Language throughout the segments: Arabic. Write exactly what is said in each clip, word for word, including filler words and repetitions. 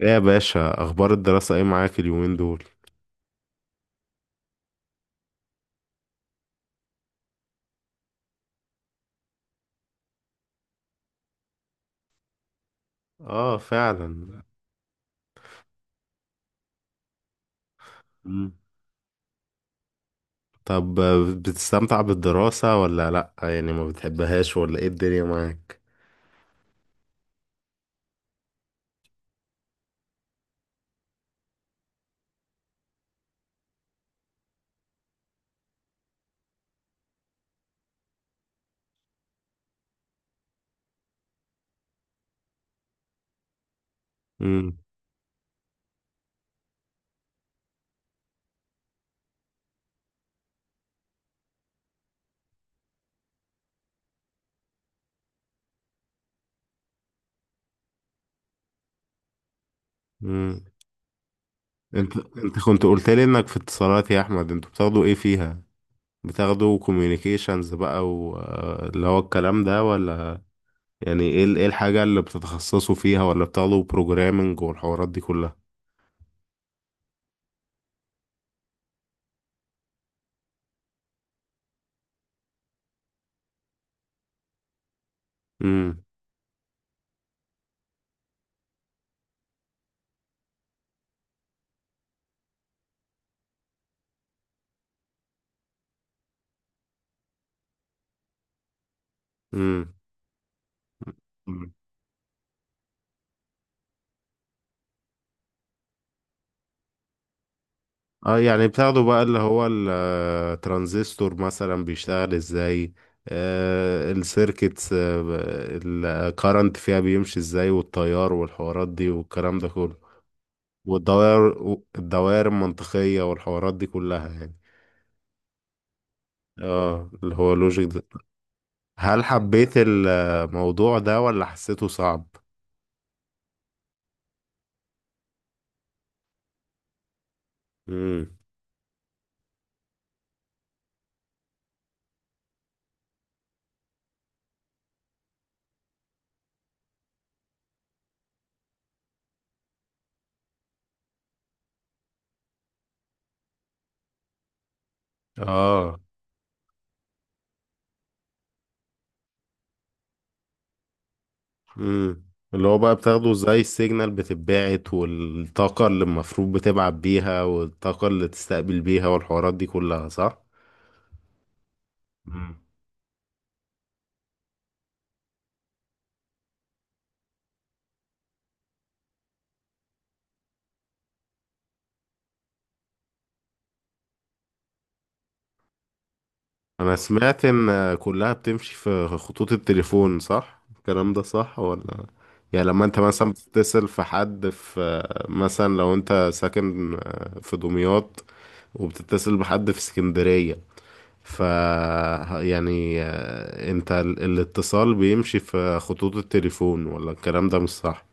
ايه يا باشا، اخبار الدراسة ايه معاك اليومين دول؟ اه، فعلا. مم. طب، بتستمتع بالدراسة ولا لا؟ يعني ما بتحبهاش ولا ايه الدنيا معاك؟ مم. مم. انت انت كنت قلت لي انك في اتصالات يا احمد، انتوا بتاخدوا ايه فيها؟ بتاخدوا كوميونيكيشنز بقى واللي هو الكلام ده، ولا؟ يعني ايه ال- ايه الحاجة اللي بتتخصصوا فيها، ولا بتاخدوا بروجرامنج والحوارات دي كلها؟ امم. امم. اه، يعني بتاخده بقى اللي هو الترانزستور مثلا بيشتغل ازاي؟ آه السيركتس، آه، الكارنت فيها بيمشي ازاي، والتيار والحوارات دي والكلام ده كله. والدوائر الدوائر المنطقية والحوارات دي كلها يعني. اه، اللي هو لوجيك ده. هل حبيت الموضوع ده ولا حسيته صعب؟ مم. اه. امم اللي هو بقى بتاخده زي السيجنال بتتبعت، والطاقة اللي المفروض بتبعت بيها، والطاقة اللي تستقبل بيها، والحوارات دي كلها، صح؟ مم. أنا سمعت إن كلها بتمشي في خطوط التليفون، صح؟ الكلام ده صح ولا؟ يعني لما أنت مثلا بتتصل في حد في، مثلا لو أنت ساكن في دمياط وبتتصل بحد في اسكندرية، ف يعني آه، انت ال- الاتصال بيمشي في خطوط التليفون، ولا الكلام ده مش صح؟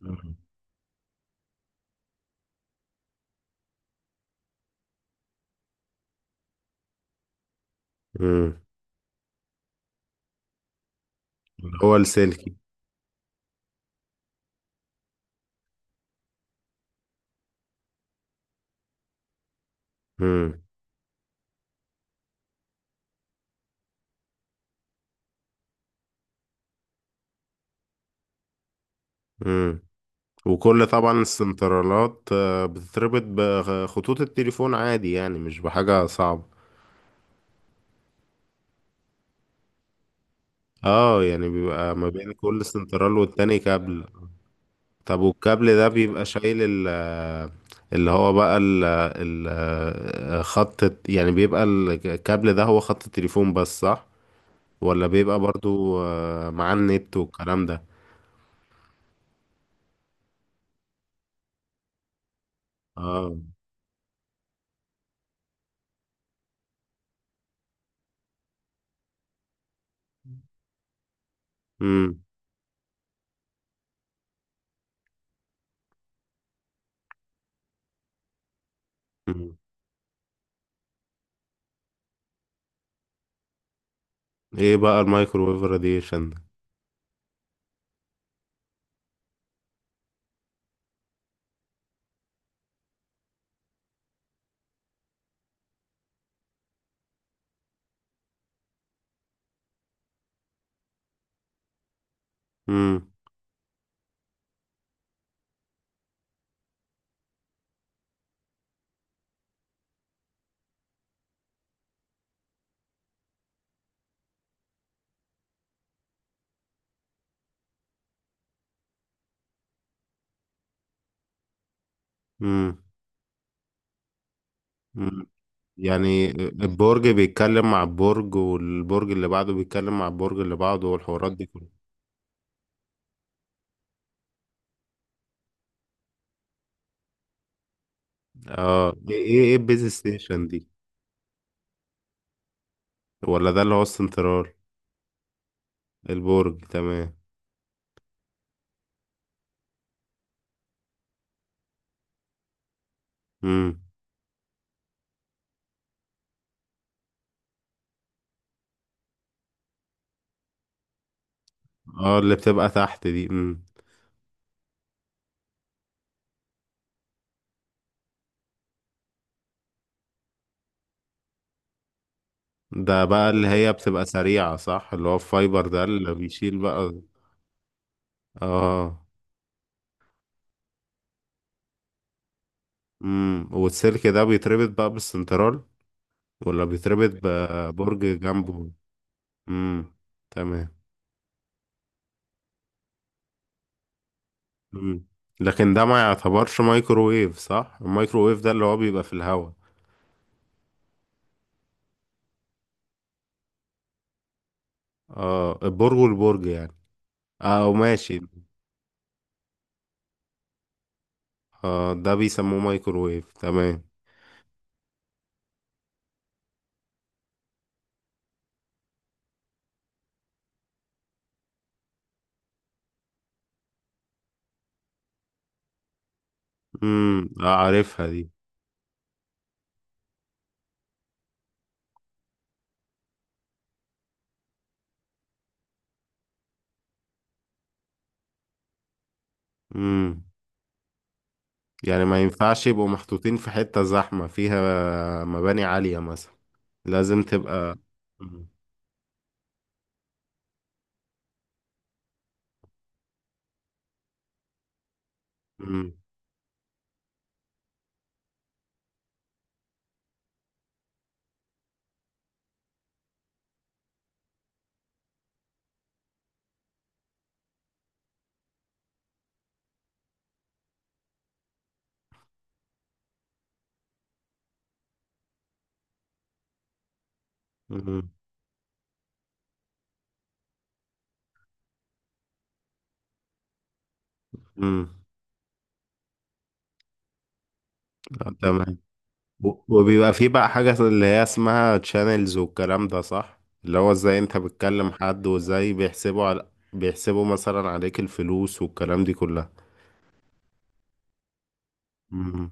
مم. مم. هو السلكي. مم. مم. وكل طبعا السنترالات آه، بتتربط بخطوط التليفون عادي، يعني مش بحاجة صعبة. اه، يعني بيبقى ما بين كل سنترال والتاني كابل. طب والكابل ده بيبقى شايل ال آه، اللي هو بقى ال آه، ال آه، خط الت- يعني بيبقى الكابل ده هو خط التليفون بس صح؟ ولا بيبقى برضو آه، مع النت والكلام ده؟ اه. امم. أمم. ايه بقى المايكروويف راديشن ده؟ امم. امم. أمم. يعني البرج بيتكلم مع البرج، والبرج اللي بعده بيتكلم مع البرج اللي بعده، والحوارات دي كلها. اه، ايه ايه إيه البيز ستيشن دي؟ ولا ده اللي هو السنترال؟ البرج، تمام. امم. اه، اللي بتبقى تحت دي. امم. ده بقى اللي هي بتبقى سريعة صح؟ اللي هو الفايبر ده اللي بيشيل بقى. اه. امم. والسلك ده بيتربط بقى بالسنترال، ولا بيتربط ببرج جنبه؟ امم. تمام. امم. لكن ده ما يعتبرش مايكروويف صح؟ المايكروويف ده اللي هو بيبقى في الهواء. اه، البرج والبرج يعني. اه، ماشي. اه، ده بيسموه مايكروويف، تمام. امم. آه، عارفها دي. امم. يعني ما ينفعش يبقوا محطوطين في حتة زحمة فيها مباني عالية مثلا. لازم تبقى. امم. امم. امم. امم. آه، تمام. و- وبيبقى فيه بقى حاجة اللي هي اسمها channels والكلام ده صح؟ اللي هو ازاي انت بتكلم حد، وازاي بيحسبوا على بيحسبوا مثلا عليك الفلوس والكلام دي كلها. امم.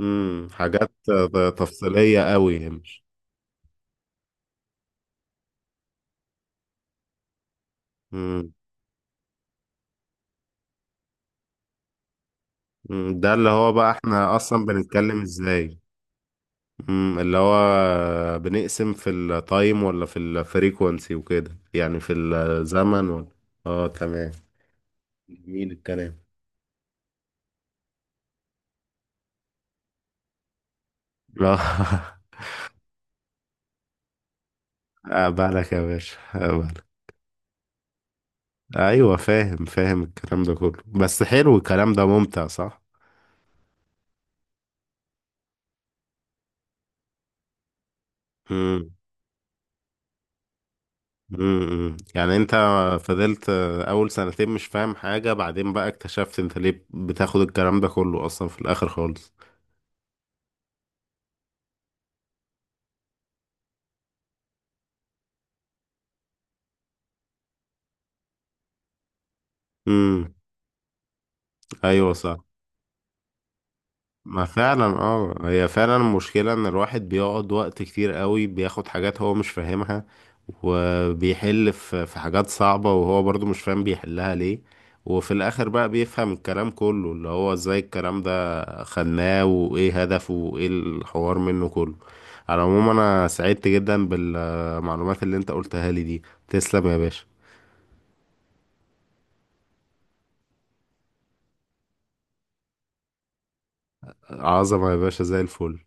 امم. حاجات ت- تفصيلية قوي مش. امم. أمم. ده اللي هو بقى احنا اصلا بنتكلم ازاي. امم اللي هو بنقسم في التايم ولا في الفريكونسي وكده، يعني في الزمن ولا. اه، تمام. جميل الكلام. لا. بالك يا باشا. ايوه، فاهم، فاهم الكلام ده كله، بس حلو الكلام ده، ممتع صح. امم. امم. يعني انت فضلت اول سنتين مش فاهم حاجة، بعدين بقى اكتشفت انت ليه بتاخد الكلام ده كله اصلا في الاخر خالص. امم. ايوه صح. ما فعلا، اه، هي فعلا المشكلة ان الواحد بيقعد وقت كتير قوي بياخد حاجات هو مش فاهمها، وبيحل في في حاجات صعبة وهو برضو مش فاهم بيحلها ليه، وفي الاخر بقى بيفهم الكلام كله، اللي هو ازاي الكلام ده خلناه، وايه هدفه، وايه الحوار منه كله. على العموم، انا سعدت جدا بالمعلومات اللي انت قلتها لي دي. تسلم يا باشا. عظمة يا باشا زي الفل.